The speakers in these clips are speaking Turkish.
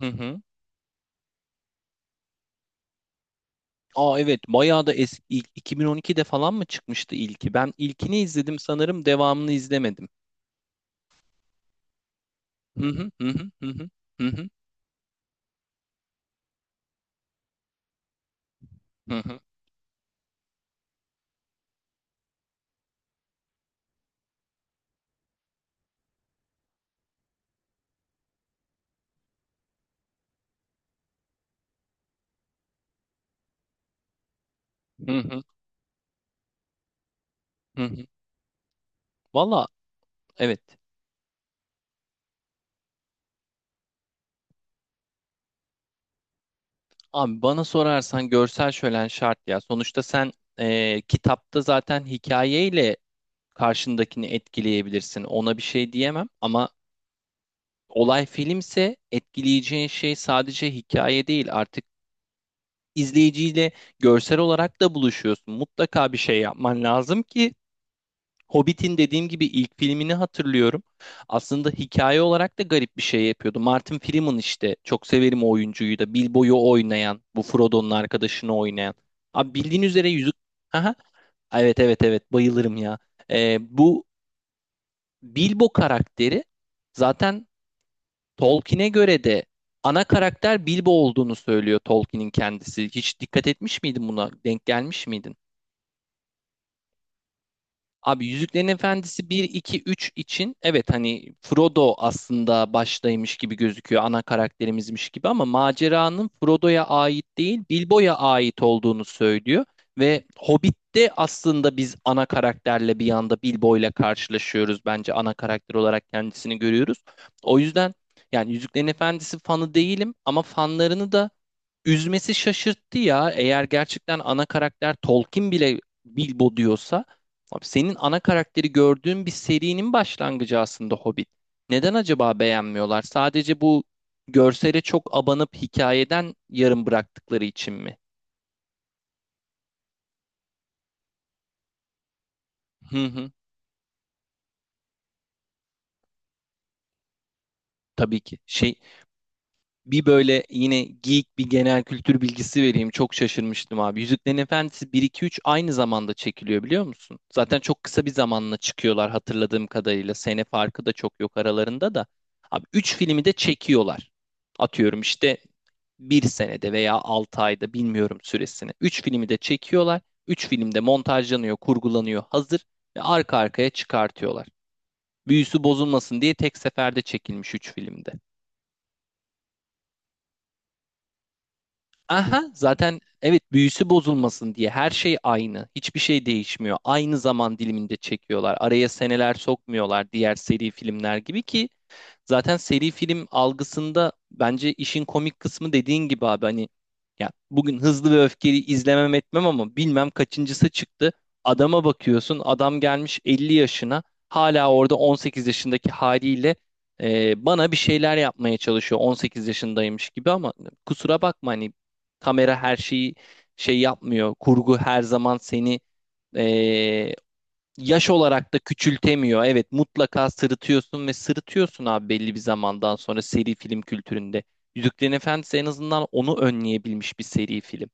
Hı hı. Aa evet bayağı da eski 2012'de falan mı çıkmıştı ilki? Ben ilkini izledim sanırım devamını izlemedim. Hı hı hı hı hı hı hı hı hı hı hı hı hı hı. Valla evet. Abi bana sorarsan görsel şölen şart ya. Sonuçta sen kitapta zaten hikayeyle karşındakini etkileyebilirsin. Ona bir şey diyemem ama olay filmse etkileyeceğin şey sadece hikaye değil artık, izleyiciyle görsel olarak da buluşuyorsun. Mutlaka bir şey yapman lazım ki Hobbit'in, dediğim gibi, ilk filmini hatırlıyorum. Aslında hikaye olarak da garip bir şey yapıyordu. Martin Freeman, işte çok severim o oyuncuyu da, Bilbo'yu oynayan, bu Frodo'nun arkadaşını oynayan. Abi bildiğin üzere Aha. Evet evet evet, bayılırım ya. Bu Bilbo karakteri zaten Tolkien'e göre de, ana karakter Bilbo olduğunu söylüyor Tolkien'in kendisi. Hiç dikkat etmiş miydin buna? Denk gelmiş miydin? Abi Yüzüklerin Efendisi bir 2 3 için evet, hani Frodo aslında baştaymış gibi gözüküyor, ana karakterimizmiş gibi, ama maceranın Frodo'ya ait değil, Bilbo'ya ait olduğunu söylüyor. Ve Hobbit'te aslında biz ana karakterle bir anda Bilbo'yla karşılaşıyoruz, bence ana karakter olarak kendisini görüyoruz. O yüzden, yani Yüzüklerin Efendisi fanı değilim ama fanlarını da üzmesi şaşırttı ya. Eğer gerçekten ana karakter Tolkien bile Bilbo diyorsa, abi senin ana karakteri gördüğün bir serinin başlangıcı aslında Hobbit. Neden acaba beğenmiyorlar? Sadece bu görsele çok abanıp hikayeden yarım bıraktıkları için mi? Hı hı. Tabii ki. Şey, bir böyle yine geek bir genel kültür bilgisi vereyim. Çok şaşırmıştım abi. Yüzüklerin Efendisi bir iki üç aynı zamanda çekiliyor, biliyor musun? Zaten çok kısa bir zamanla çıkıyorlar hatırladığım kadarıyla. Sene farkı da çok yok aralarında da. Abi 3 filmi de çekiyorlar. Atıyorum işte bir senede veya 6 ayda, bilmiyorum süresini. 3 filmi de çekiyorlar. 3 film de montajlanıyor, kurgulanıyor, hazır, ve arka arkaya çıkartıyorlar. Büyüsü bozulmasın diye tek seferde çekilmiş 3 filmde. Aha, zaten evet, büyüsü bozulmasın diye her şey aynı. Hiçbir şey değişmiyor. Aynı zaman diliminde çekiyorlar. Araya seneler sokmuyorlar diğer seri filmler gibi ki zaten seri film algısında bence işin komik kısmı, dediğin gibi abi, hani ya bugün Hızlı ve Öfkeli izlemem etmem ama bilmem kaçıncısı çıktı. Adama bakıyorsun, adam gelmiş 50 yaşına, hala orada 18 yaşındaki haliyle bana bir şeyler yapmaya çalışıyor 18 yaşındaymış gibi, ama kusura bakma hani, kamera her şeyi şey yapmıyor. Kurgu her zaman seni, e, yaş olarak da küçültemiyor. Evet, mutlaka sırıtıyorsun ve sırıtıyorsun abi belli bir zamandan sonra seri film kültüründe. Yüzüklerin Efendisi en azından onu önleyebilmiş bir seri film.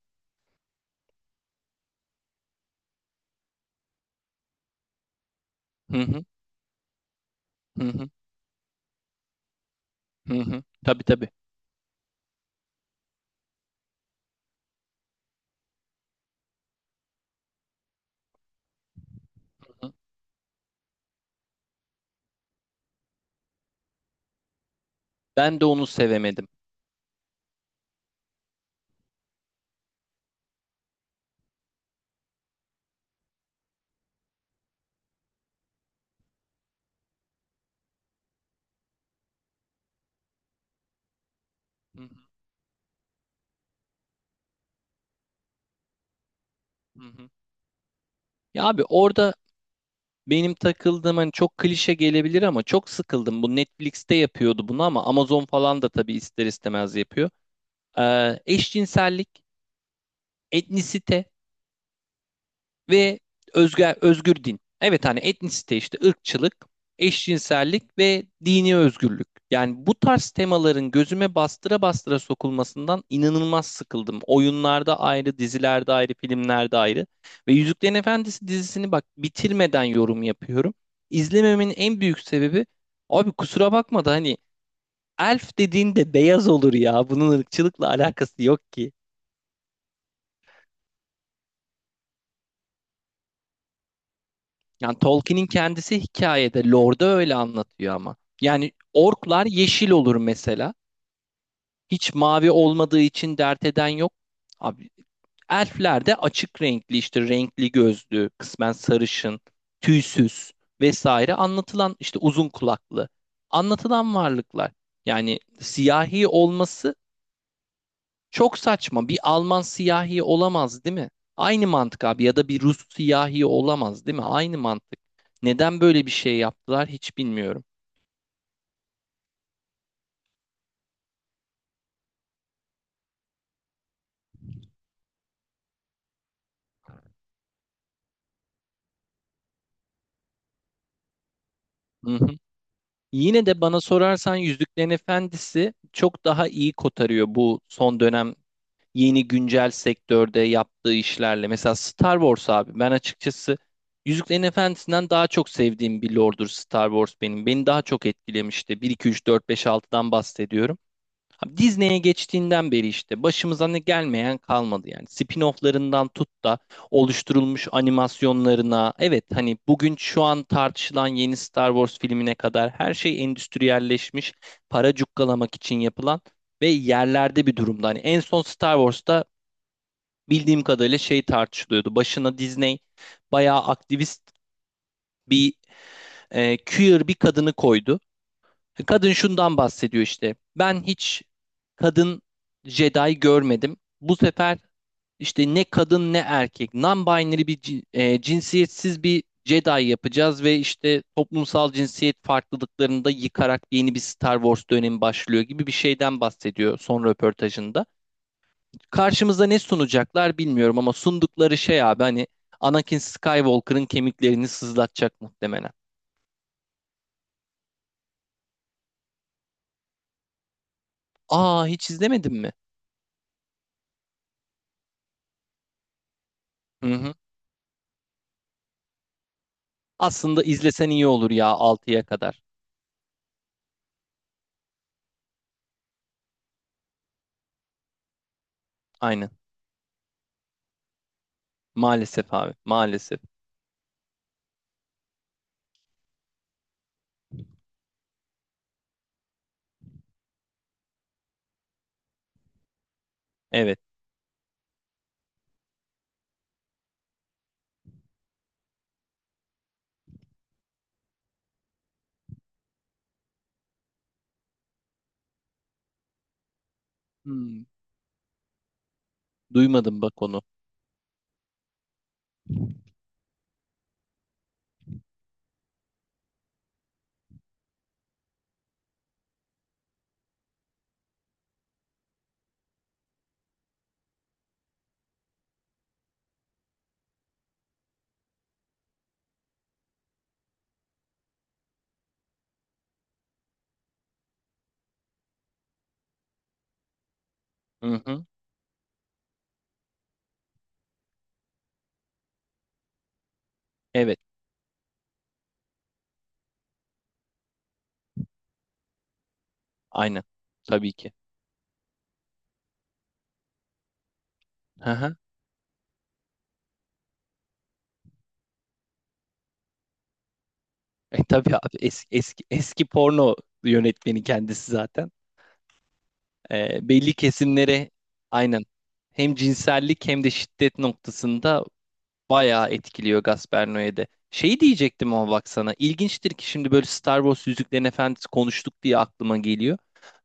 Hı hı hı hı hı hı. Tabii tabii. Hı hı. Ben de onu sevemedim. Hı hı hı, hı. Ya abi orada benim takıldığım, hani çok klişe gelebilir ama çok sıkıldım. Bu Netflix'te yapıyordu bunu ama Amazon falan da tabii ister istemez yapıyor. Eşcinsellik, etnisite ve özgür din. Evet, hani etnisite, işte ırkçılık, eşcinsellik ve dini özgürlük. Yani bu tarz temaların gözüme bastıra bastıra sokulmasından inanılmaz sıkıldım. Oyunlarda ayrı, dizilerde ayrı, filmlerde ayrı. Ve Yüzüklerin Efendisi dizisini, bak, bitirmeden yorum yapıyorum. İzlememenin en büyük sebebi, abi kusura bakma da hani, elf dediğin de beyaz olur ya. Bunun ırkçılıkla alakası yok ki. Yani Tolkien'in kendisi hikayede Lord'a öyle anlatıyor ama. Yani orklar yeşil olur mesela. Hiç mavi olmadığı için dert eden yok. Abi elfler de açık renkli işte, renkli gözlü, kısmen sarışın, tüysüz vesaire anlatılan, işte uzun kulaklı anlatılan varlıklar. Yani siyahi olması çok saçma. Bir Alman siyahi olamaz, değil mi? Aynı mantık abi, ya da bir Rus siyahi olamaz, değil mi? Aynı mantık. Neden böyle bir şey yaptılar hiç bilmiyorum. Hı hı. Yine de bana sorarsan Yüzüklerin Efendisi çok daha iyi kotarıyor bu son dönem yeni güncel sektörde yaptığı işlerle. Mesela Star Wars, abi ben açıkçası Yüzüklerin Efendisi'nden daha çok sevdiğim bir lordur Star Wars benim. Beni daha çok etkilemişti. Bir 2 3 4 5 altıdan bahsediyorum. Abi Disney'e geçtiğinden beri işte başımıza ne gelmeyen kalmadı yani. Spin-off'larından tut da oluşturulmuş animasyonlarına. Evet, hani bugün şu an tartışılan yeni Star Wars filmine kadar her şey endüstriyelleşmiş, para cukkalamak için yapılan ve yerlerde bir durumda. Hani en son Star Wars'ta bildiğim kadarıyla şey tartışılıyordu. Başına Disney bayağı aktivist bir, queer bir kadını koydu. Kadın şundan bahsediyor işte. Ben hiç kadın Jedi görmedim. Bu sefer işte ne kadın ne erkek, non-binary bir cinsiyetsiz bir Jedi yapacağız ve işte toplumsal cinsiyet farklılıklarını da yıkarak yeni bir Star Wars dönemi başlıyor gibi bir şeyden bahsediyor son röportajında. Karşımıza ne sunacaklar bilmiyorum ama sundukları şey abi hani, Anakin Skywalker'ın kemiklerini sızlatacak muhtemelen. Aa hiç izlemedin mi? Hı hı. Aslında izlesen iyi olur ya altıya kadar. Aynen. Maalesef abi. Maalesef. Evet. Hmm, Duymadım bak onu. Hı hı. Evet. Aynen. Tabii ki. Hı hı. Tabii abi, eski, eski, eski porno yönetmeni kendisi zaten. Belli kesimlere, aynen, hem cinsellik hem de şiddet noktasında bayağı etkiliyor Gasperno'ya de. Şey diyecektim ama baksana. İlginçtir ki şimdi böyle Star Wars, Yüzüklerin Efendisi konuştuk diye aklıma geliyor.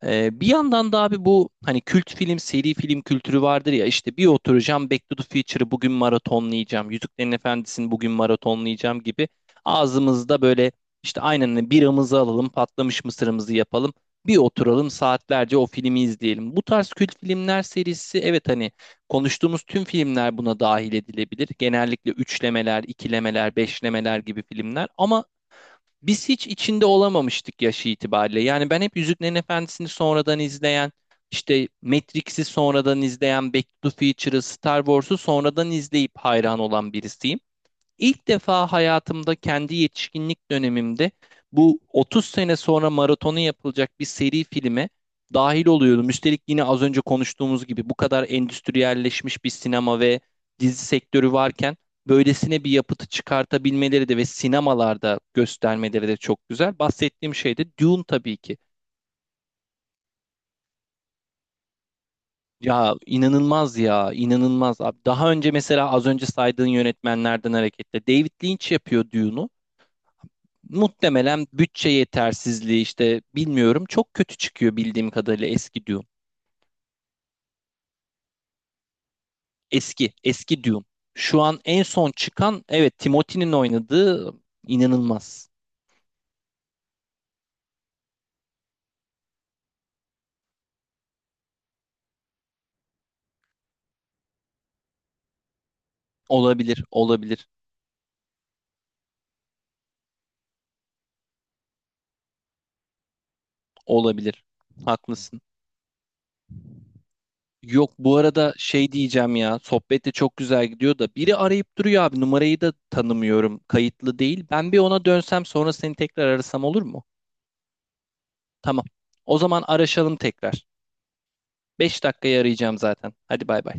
Bir yandan da abi bu, hani kült film, seri film kültürü vardır ya, işte bir oturacağım Back to the Future'ı bugün maratonlayacağım, Yüzüklerin Efendisi'ni bugün maratonlayacağım gibi ağzımızda, böyle işte, aynen, hani biramızı alalım, patlamış mısırımızı yapalım, bir oturalım saatlerce o filmi izleyelim. Bu tarz kült filmler serisi, evet hani konuştuğumuz tüm filmler buna dahil edilebilir. Genellikle üçlemeler, ikilemeler, beşlemeler gibi filmler. Ama biz hiç içinde olamamıştık yaşı itibariyle. Yani ben hep Yüzüklerin Efendisi'ni sonradan izleyen, işte Matrix'i sonradan izleyen, Back to the Future'ı, Star Wars'u sonradan izleyip hayran olan birisiyim. İlk defa hayatımda kendi yetişkinlik dönemimde bu 30 sene sonra maratonu yapılacak bir seri filme dahil oluyordum. Üstelik yine az önce konuştuğumuz gibi bu kadar endüstriyelleşmiş bir sinema ve dizi sektörü varken böylesine bir yapıtı çıkartabilmeleri de ve sinemalarda göstermeleri de çok güzel. Bahsettiğim şey de Dune, tabii ki. Ya inanılmaz, ya inanılmaz abi. Daha önce mesela, az önce saydığın yönetmenlerden hareketle, David Lynch yapıyor Dune'u. Muhtemelen bütçe yetersizliği işte, bilmiyorum. Çok kötü çıkıyor bildiğim kadarıyla eski Dune. Eski, eski Dune. Şu an en son çıkan, evet Timothy'nin oynadığı, inanılmaz. Olabilir, olabilir, olabilir. Haklısın. Yok bu arada şey diyeceğim ya, sohbet de çok güzel gidiyor da biri arayıp duruyor abi, numarayı da tanımıyorum, kayıtlı değil. Ben bir ona dönsem sonra seni tekrar arasam olur mu? Tamam. O zaman araşalım tekrar. 5 dakikaya arayacağım zaten. Hadi bay bay.